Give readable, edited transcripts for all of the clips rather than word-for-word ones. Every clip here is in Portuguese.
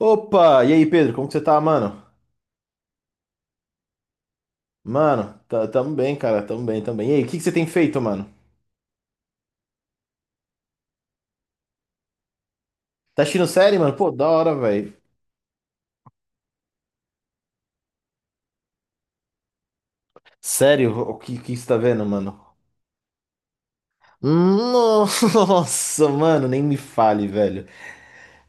Opa! E aí, Pedro, como que você tá, mano? Mano, tá, tamo bem, cara, tamo bem. E aí, o que que você tem feito, mano? Tá assistindo série, mano? Pô, da hora, velho. Sério, o que que você tá vendo, mano? Nossa, mano, nem me fale, velho.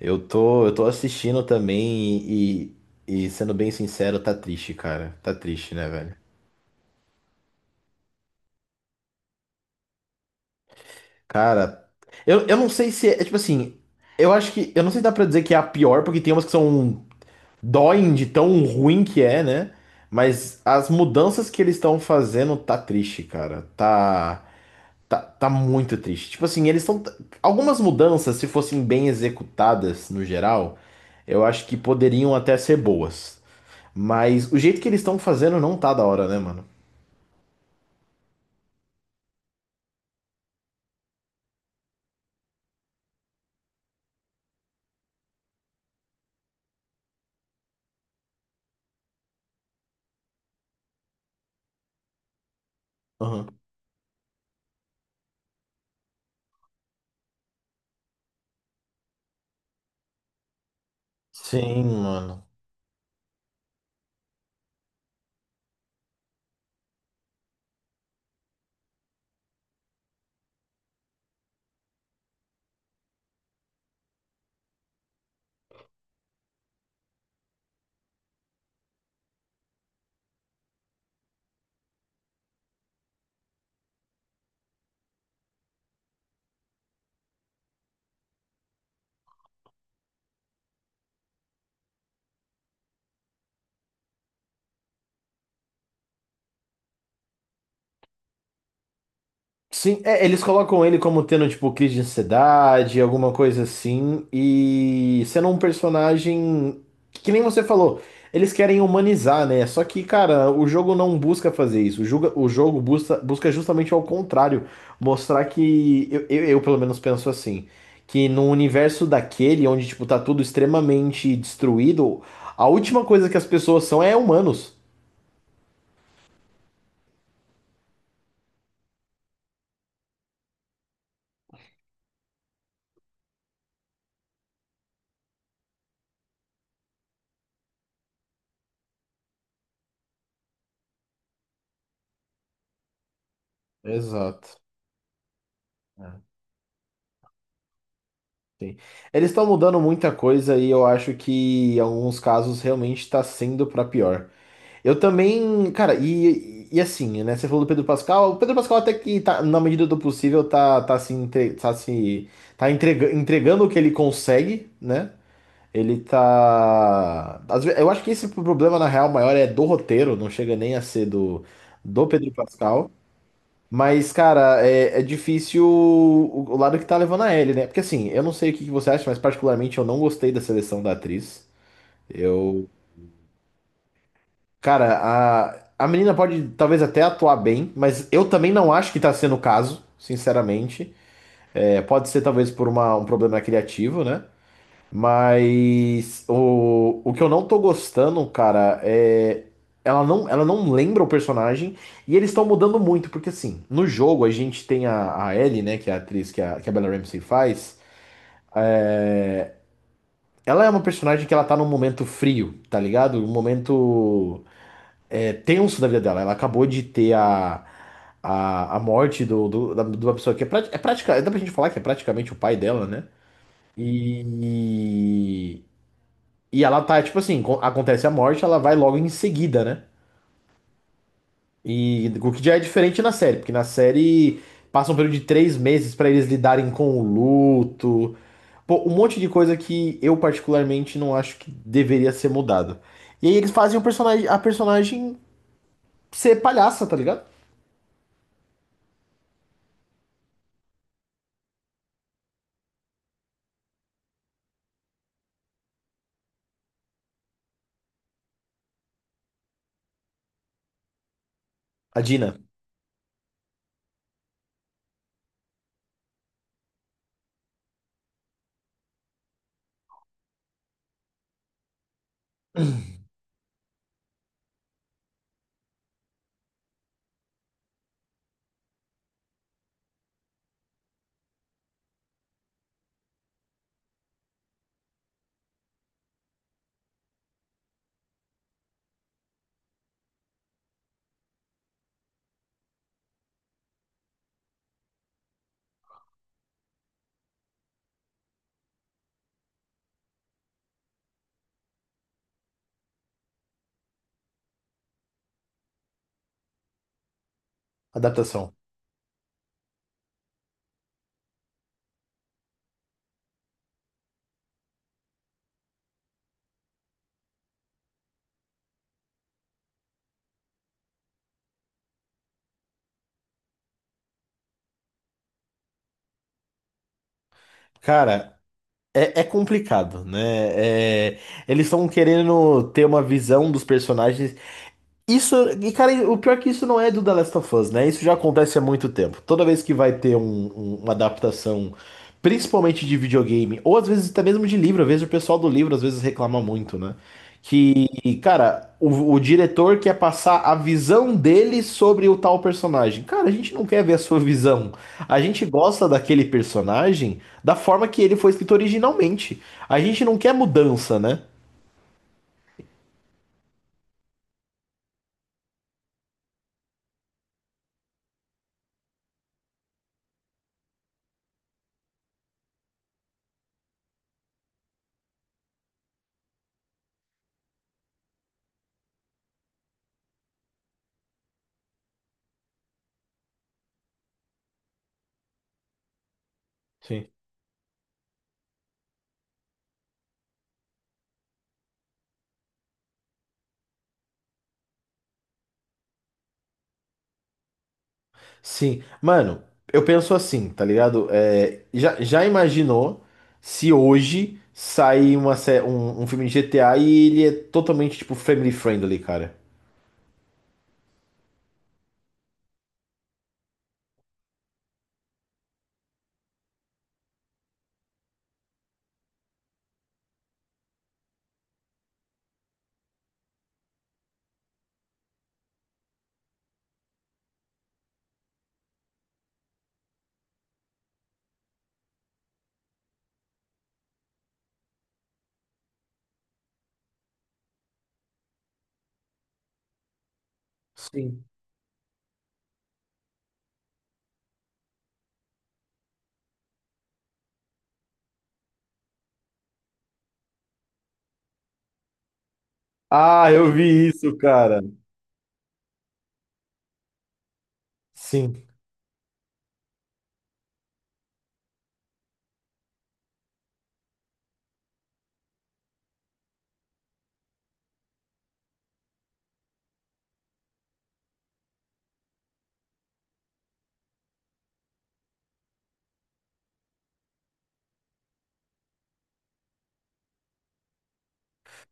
Eu tô assistindo também sendo bem sincero, tá triste, cara. Tá triste, né, velho? Cara, eu não sei se é, tipo assim, eu acho que, eu não sei se dá pra dizer que é a pior, porque tem umas que são doem de tão ruim que é, né? Mas as mudanças que eles estão fazendo tá triste, cara. Tá, tá muito triste. Tipo assim, eles estão. Algumas mudanças, se fossem bem executadas no geral, eu acho que poderiam até ser boas. Mas o jeito que eles estão fazendo não tá da hora, né, mano? Aham. Sim, mano. Sim, é, eles colocam ele como tendo, tipo, crise de ansiedade, alguma coisa assim, e sendo um personagem que nem você falou, eles querem humanizar, né? Só que, cara, o jogo não busca fazer isso. O jogo busca, busca justamente ao contrário, mostrar que, pelo menos penso assim, que no universo daquele, onde, tipo, tá tudo extremamente destruído, a última coisa que as pessoas são é humanos. Exato. Sim. Eles estão mudando muita coisa e eu acho que em alguns casos realmente está sendo para pior. Eu também, cara, e assim, né? Você falou do Pedro Pascal. O Pedro Pascal até que tá, na medida do possível, tá, tá se, entre, tá se tá entrega- entregando o que ele consegue, né? Ele tá. Eu acho que esse problema, na real, maior é do roteiro, não chega nem a ser do, do Pedro Pascal. Mas, cara, é difícil o lado que tá levando a Ellie, né? Porque assim, eu não sei o que que você acha, mas particularmente eu não gostei da seleção da atriz. Eu. Cara, a menina pode talvez até atuar bem, mas eu também não acho que tá sendo o caso, sinceramente. É, pode ser talvez por um problema criativo, né? Mas o que eu não tô gostando, cara, é. Ela não lembra o personagem e eles estão mudando muito, porque assim, no jogo a gente tem a Ellie, né, que é a atriz que a Bella Ramsey faz. Ela é uma personagem que ela tá num momento frio, tá ligado? Um momento tenso da vida dela. Ela acabou de ter a morte de uma pessoa que é, prática, dá pra gente falar que é praticamente o pai dela, né? E, E ela tá, tipo assim, acontece a morte, ela vai logo em seguida, né? E o que já é diferente na série, porque na série passa um período de três meses pra eles lidarem com o luto, pô, um monte de coisa que eu particularmente não acho que deveria ser mudado. E aí eles fazem a personagem ser palhaça, tá ligado? A Dina, adaptação. Cara, é complicado, né? É, eles estão querendo ter uma visão dos personagens. Isso, e cara, o pior é que isso não é do The Last of Us, né? Isso já acontece há muito tempo. Toda vez que vai ter uma adaptação, principalmente de videogame, ou às vezes até mesmo de livro, eu vejo o pessoal do livro às vezes reclama muito, né? Que, cara, o diretor quer passar a visão dele sobre o tal personagem. Cara, a gente não quer ver a sua visão. A gente gosta daquele personagem da forma que ele foi escrito originalmente. A gente não quer mudança, né? Sim. Sim, mano, eu penso assim, tá ligado? Já imaginou se hoje sair um filme de GTA e ele é totalmente, tipo, family friendly, cara? Sim. Ah, eu vi isso, cara. Sim,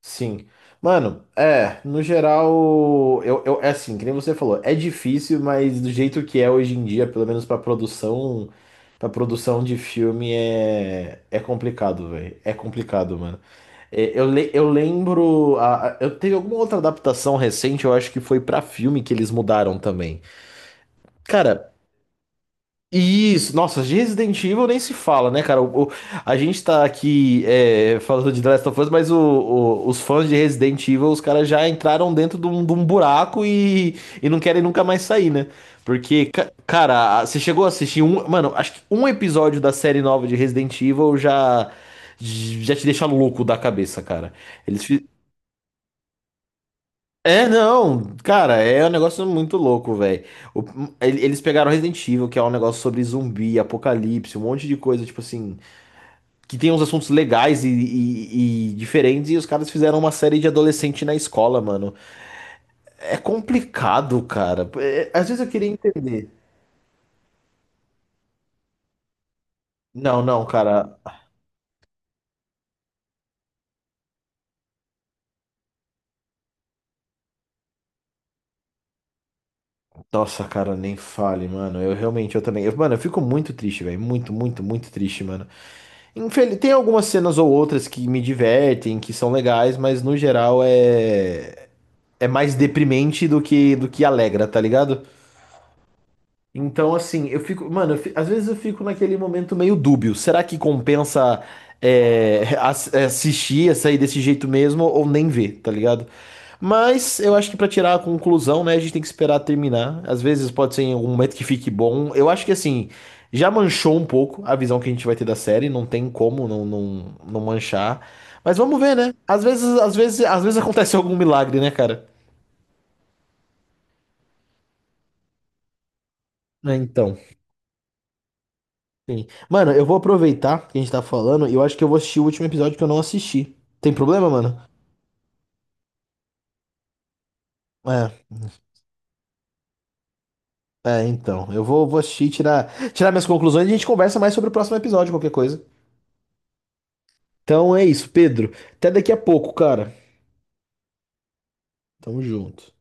sim. Mano, é, no geral, é assim, que nem você falou, é difícil, mas do jeito que é hoje em dia, pelo menos pra produção de filme, é complicado, velho. É complicado, mano. Eu lembro. Eu teve alguma outra adaptação recente, eu acho que foi pra filme que eles mudaram também. Cara, isso. Nossa, de Resident Evil nem se fala, né, cara? A gente tá aqui é, falando de The Last of Us, mas os fãs de Resident Evil, os caras já entraram dentro de de um buraco e não querem nunca mais sair, né? Porque, cara, a- você chegou a assistir um. Mano, acho que um episódio da série nova de Resident Evil já. Já te deixa louco da cabeça, cara. Eles, fi- É, não, cara, é um negócio muito louco, velho. Eles pegaram Resident Evil, que é um negócio sobre zumbi, apocalipse, um monte de coisa, tipo assim, que tem uns assuntos legais e diferentes, e os caras fizeram uma série de adolescente na escola, mano. É complicado, cara. É, às vezes eu queria entender. Não, não, cara. Nossa, cara, nem fale, mano. Eu realmente, eu também. Mano, eu fico muito triste, velho. Muito, muito, muito triste, mano. Tem algumas cenas ou outras que me divertem, que são legais, mas no geral é é mais deprimente do que alegra, tá ligado? Então, assim, eu fico. Mano, às vezes eu fico naquele momento meio dúbio. Será que compensa assistir, sair desse jeito mesmo ou nem ver, tá ligado? Mas eu acho que pra tirar a conclusão, né, a gente tem que esperar terminar. Às vezes pode ser em algum momento que fique bom. Eu acho que, assim, já manchou um pouco a visão que a gente vai ter da série. Não tem como não manchar. Mas vamos ver, né? Às vezes acontece algum milagre, né, cara? É, então. Sim. Mano, eu vou aproveitar que a gente tá falando e eu acho que eu vou assistir o último episódio que eu não assisti. Tem problema, mano? É, é, então. Vou assistir, tirar minhas conclusões e a gente conversa mais sobre o próximo episódio, qualquer coisa. Então é isso, Pedro. Até daqui a pouco, cara. Tamo junto.